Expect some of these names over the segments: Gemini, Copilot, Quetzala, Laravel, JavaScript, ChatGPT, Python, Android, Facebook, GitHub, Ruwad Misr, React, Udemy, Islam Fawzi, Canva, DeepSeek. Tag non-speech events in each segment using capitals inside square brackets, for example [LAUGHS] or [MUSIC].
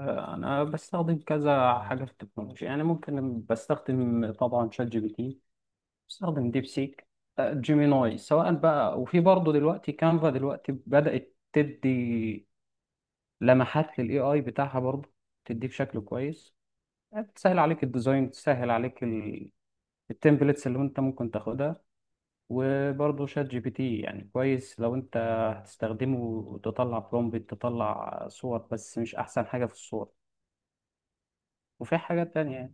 انا بستخدم كذا حاجه في التكنولوجيا، يعني ممكن بستخدم طبعا شات جي بي تي، بستخدم ديب سيك، جيميناي سواء بقى. وفي برضه دلوقتي كانفا دلوقتي بدات تدي لمحات للاي اي بتاعها، برضه تديه بشكل كويس، تسهل عليك الديزاين، تسهل عليك التمبلتس اللي انت ممكن تاخدها. وبرضه شات جي بي تي يعني كويس لو انت هتستخدمه وتطلع برومبت تطلع صور، بس مش احسن حاجه في الصور وفي حاجات تانية.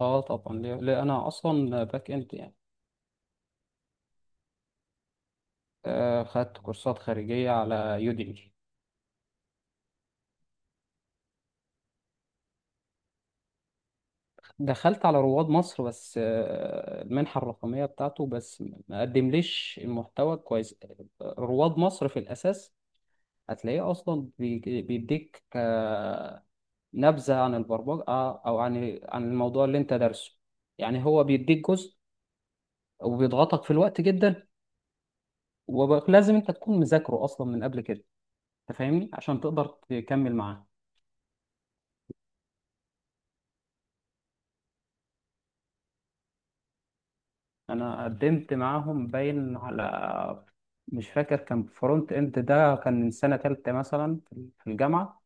اه طبعا، ليه انا اصلا باك اند يعني. آه، خدت كورسات خارجيه على يوديمي. دخلت على رواد مصر بس آه المنحه الرقميه بتاعته، بس ما قدمليش المحتوى كويس. رواد مصر في الاساس هتلاقيه اصلا بيديك آه نبذه عن البرمجه، او عن الموضوع اللي انت دارسه، يعني هو بيديك جزء وبيضغطك في الوقت جدا، ولازم انت تكون مذاكره اصلا من قبل كده، انت فاهمني، عشان تقدر تكمل معاه. انا قدمت معاهم باين على، مش فاكر، كان فرونت اند. ده كان من سنة تالتة مثلا في الجامعة.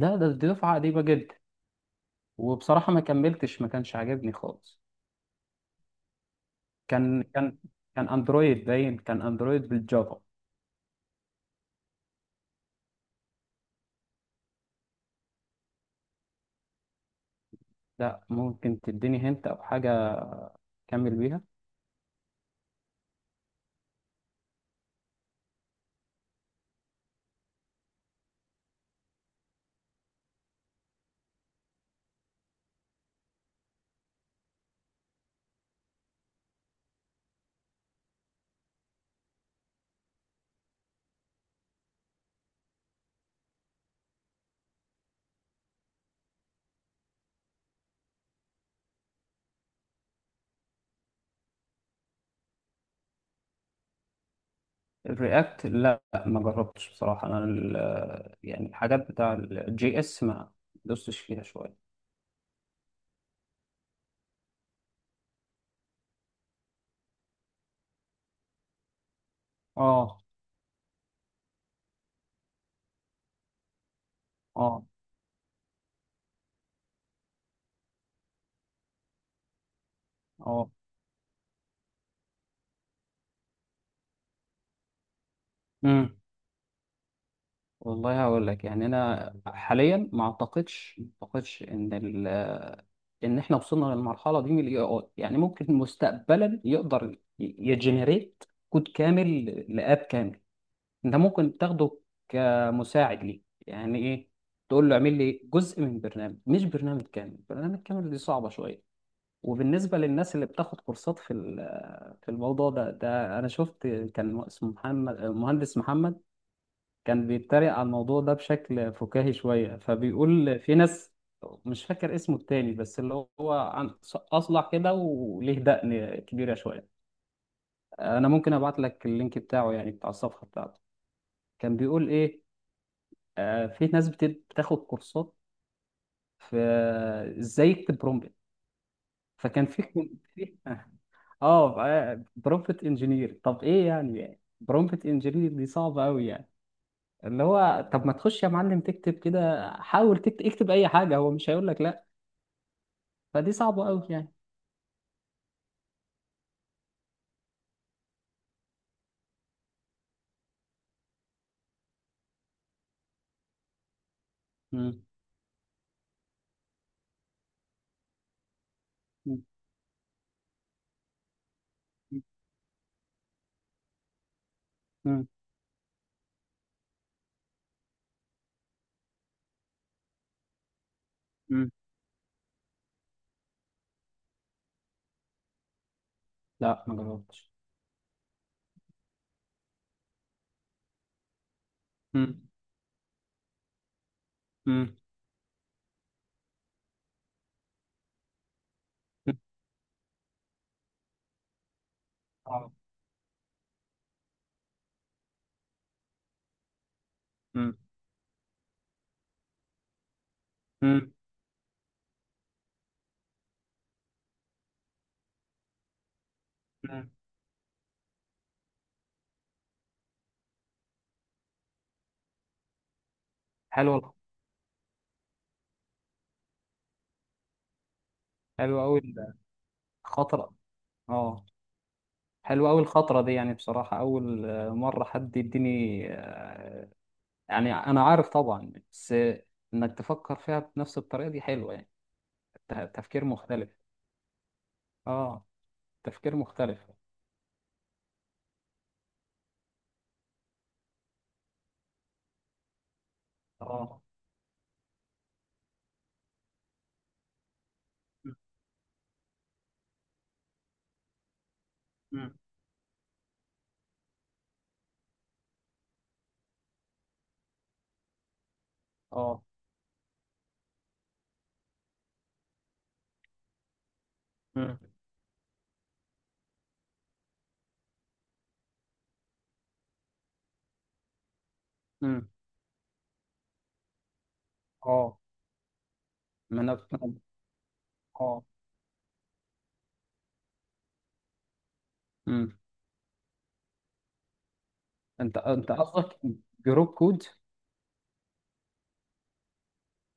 ده ده دي دفعة قديمة جدا. وبصراحة ما كملتش، ما كانش عاجبني خالص. كان كان كان اندرويد، باين كان اندرويد بالجافا. لا، ممكن تديني هنت او حاجة اكمل بيها. الرياكت لا ما جربتش بصراحة، انا يعني الحاجات بتاع الجي اس ما دوستش فيها شوية. اه، اه، اه. مم. والله هقول لك، يعني انا حاليا ما اعتقدش ان ال آه، ان احنا وصلنا للمرحله دي من الاي اي. يعني ممكن مستقبلا يقدر يجنريت كود كامل، لاب كامل، انت ممكن تاخده كمساعد ليه. يعني ايه، تقول له اعمل لي جزء من برنامج، مش برنامج كامل. برنامج كامل دي صعبه شويه. وبالنسبه للناس اللي بتاخد كورسات في في الموضوع ده، انا شفت، كان اسمه محمد، مهندس محمد، كان بيتريق على الموضوع ده بشكل فكاهي شوية، فبيقول في ناس، مش فاكر اسمه التاني، بس اللي هو عن أصلع كده وليه دقن كبيرة شوية. أنا ممكن أبعت لك اللينك بتاعه، يعني بتاع الصفحة بتاعته. كان بيقول إيه؟ آه، في ناس بتاخد كورسات في إزاي يكتب برومبت. فكان في آه برومبت إنجينير. طب إيه يعني؟ برومبت إنجينير دي صعبة أوي يعني؟ اللي هو طب ما تخش يا معلم تكتب كده، حاول تكتب، اكتب اي حاجه، هو مش هيقول لك لا. فدي صعبه قوي يعني. مم. مم. مم. مم. لا ما جربتش. مم. مم. مم. آه. مم. مم. مم. حلوه. حلوه قوي الخطره. اه. حلوه قوي الخطره دي، يعني بصراحه اول مره حد يديني آه، يعني انا عارف طبعا، بس آه، انك تفكر فيها بنفس الطريقه دي حلوه يعني، تفكير مختلف. اه، تفكير مختلف. اه. اه. امم. امم. اه. ما انا اه. امم. انت قصدك جروب كود؟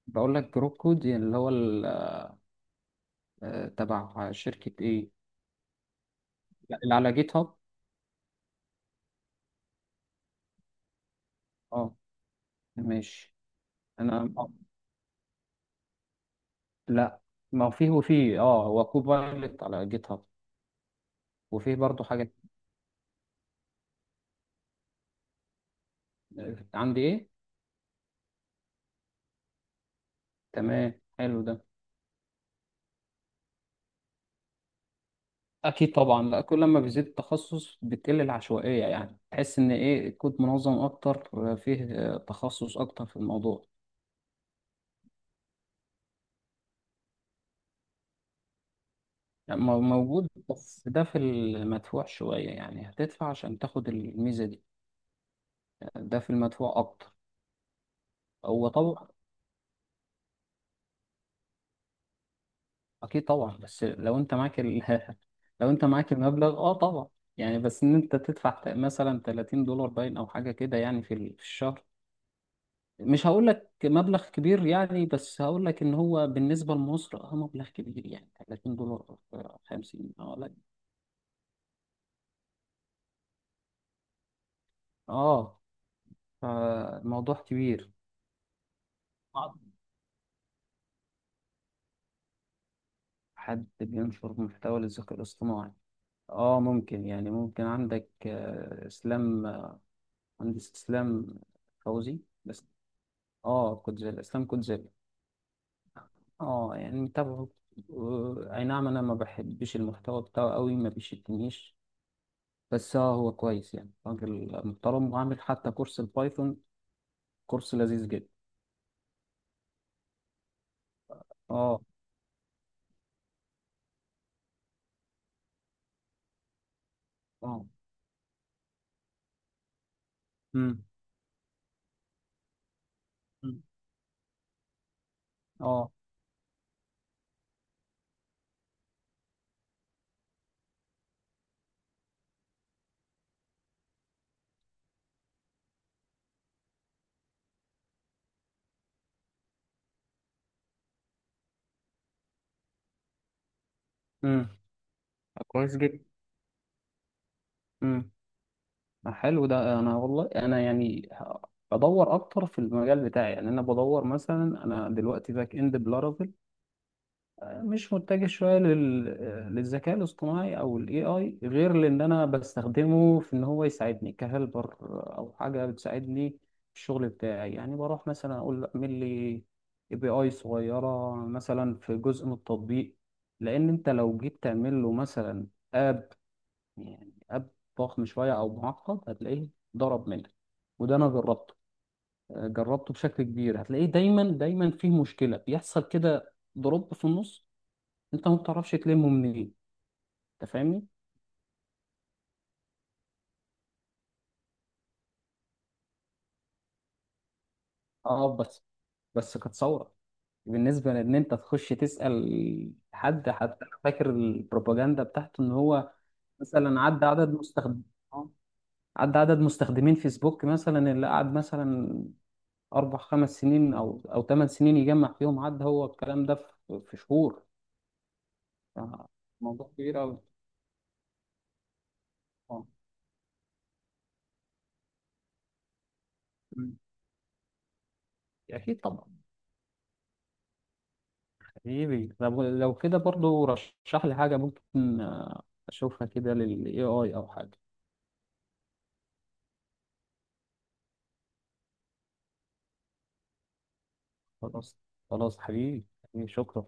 بقول لك جروب كود، يعني اللي هو تبع شركة ايه؟ لا، اللي على جيت هاب. اه، ماشي. انا اه، لا، ما هو فيه وفيه. اه، هو كوبايلوت على جيت هاب. وفيه برضو حاجة، آه، عندي ايه؟ تمام، حلو ده. اكيد طبعا، لا كل ما بيزيد التخصص بتقل العشوائية، يعني تحس ان ايه الكود منظم اكتر، آه، فيه آه، تخصص اكتر في الموضوع. يعني موجود بس ده في المدفوع شوية، يعني هتدفع عشان تاخد الميزة دي. ده في المدفوع أكتر. هو طبعا. أكيد طبعا، بس لو أنت معاك ال... [LAUGHS] لو أنت معاك المبلغ أه طبعا. يعني بس إن أنت تدفع مثلا $30 باين، أو حاجة كده يعني في في الشهر. مش هقول لك مبلغ كبير يعني، بس هقول لك إن هو بالنسبة لمصر أه مبلغ كبير. يعني $30، آه، 50، أه لا. أه، فالموضوع كبير. حد بينشر محتوى للذكاء الاصطناعي؟ اه، ممكن، يعني ممكن عندك آه، اسلام آه، مهندس اسلام فوزي. بس اه كوتزيلا، اسلام كوتزيلا. اه، يعني متابعه، اي نعم، انا ما بحبش المحتوى بتاعه قوي، ما بيشدنيش، بس اه هو كويس، يعني راجل محترم، وعامل حتى كورس البايثون، كورس لذيذ جدا. اه. اه. امم. اه. امم. كويس جدا. حلو ده. انا والله انا يعني بدور اكتر في المجال بتاعي، يعني انا بدور مثلا، انا دلوقتي باك اند بلارافيل، مش متجه شويه لل... للذكاء الاصطناعي او الاي اي، غير لان انا بستخدمه في ان هو يساعدني كهلبر، او حاجه بتساعدني في الشغل بتاعي. يعني بروح مثلا اقول له اعمل لي اي بي اي صغيره مثلا في جزء من التطبيق، لان انت لو جيت تعمل له مثلا اب، يعني اب ضخم شويه او معقد، هتلاقيه ضرب منك. وده انا جربته، آه، جربته بشكل كبير. هتلاقيه دايما فيه مشكله، بيحصل كده دروب في النص انت ما بتعرفش تلمه منين، انت فاهمني. اه بس، بس كانت ثوره بالنسبه لان انت تخش تسال حد. حتى انا فاكر البروباجندا بتاعته ان هو مثلا آه، عدى عدد مستخدمين فيسبوك مثلا، اللي قعد مثلا 4 5 سنين او 8 سنين، يجمع فيهم عد هو الكلام ده في شهور. آه، موضوع كبير قوي. اه. مم. اكيد طبعا، حبيبي. طب لو كده برضو رشح لي حاجه ممكن آه، اشوفها كده للاي اي او حاجه. خلاص، خلاص حبيبي، حبيبي، شكرا.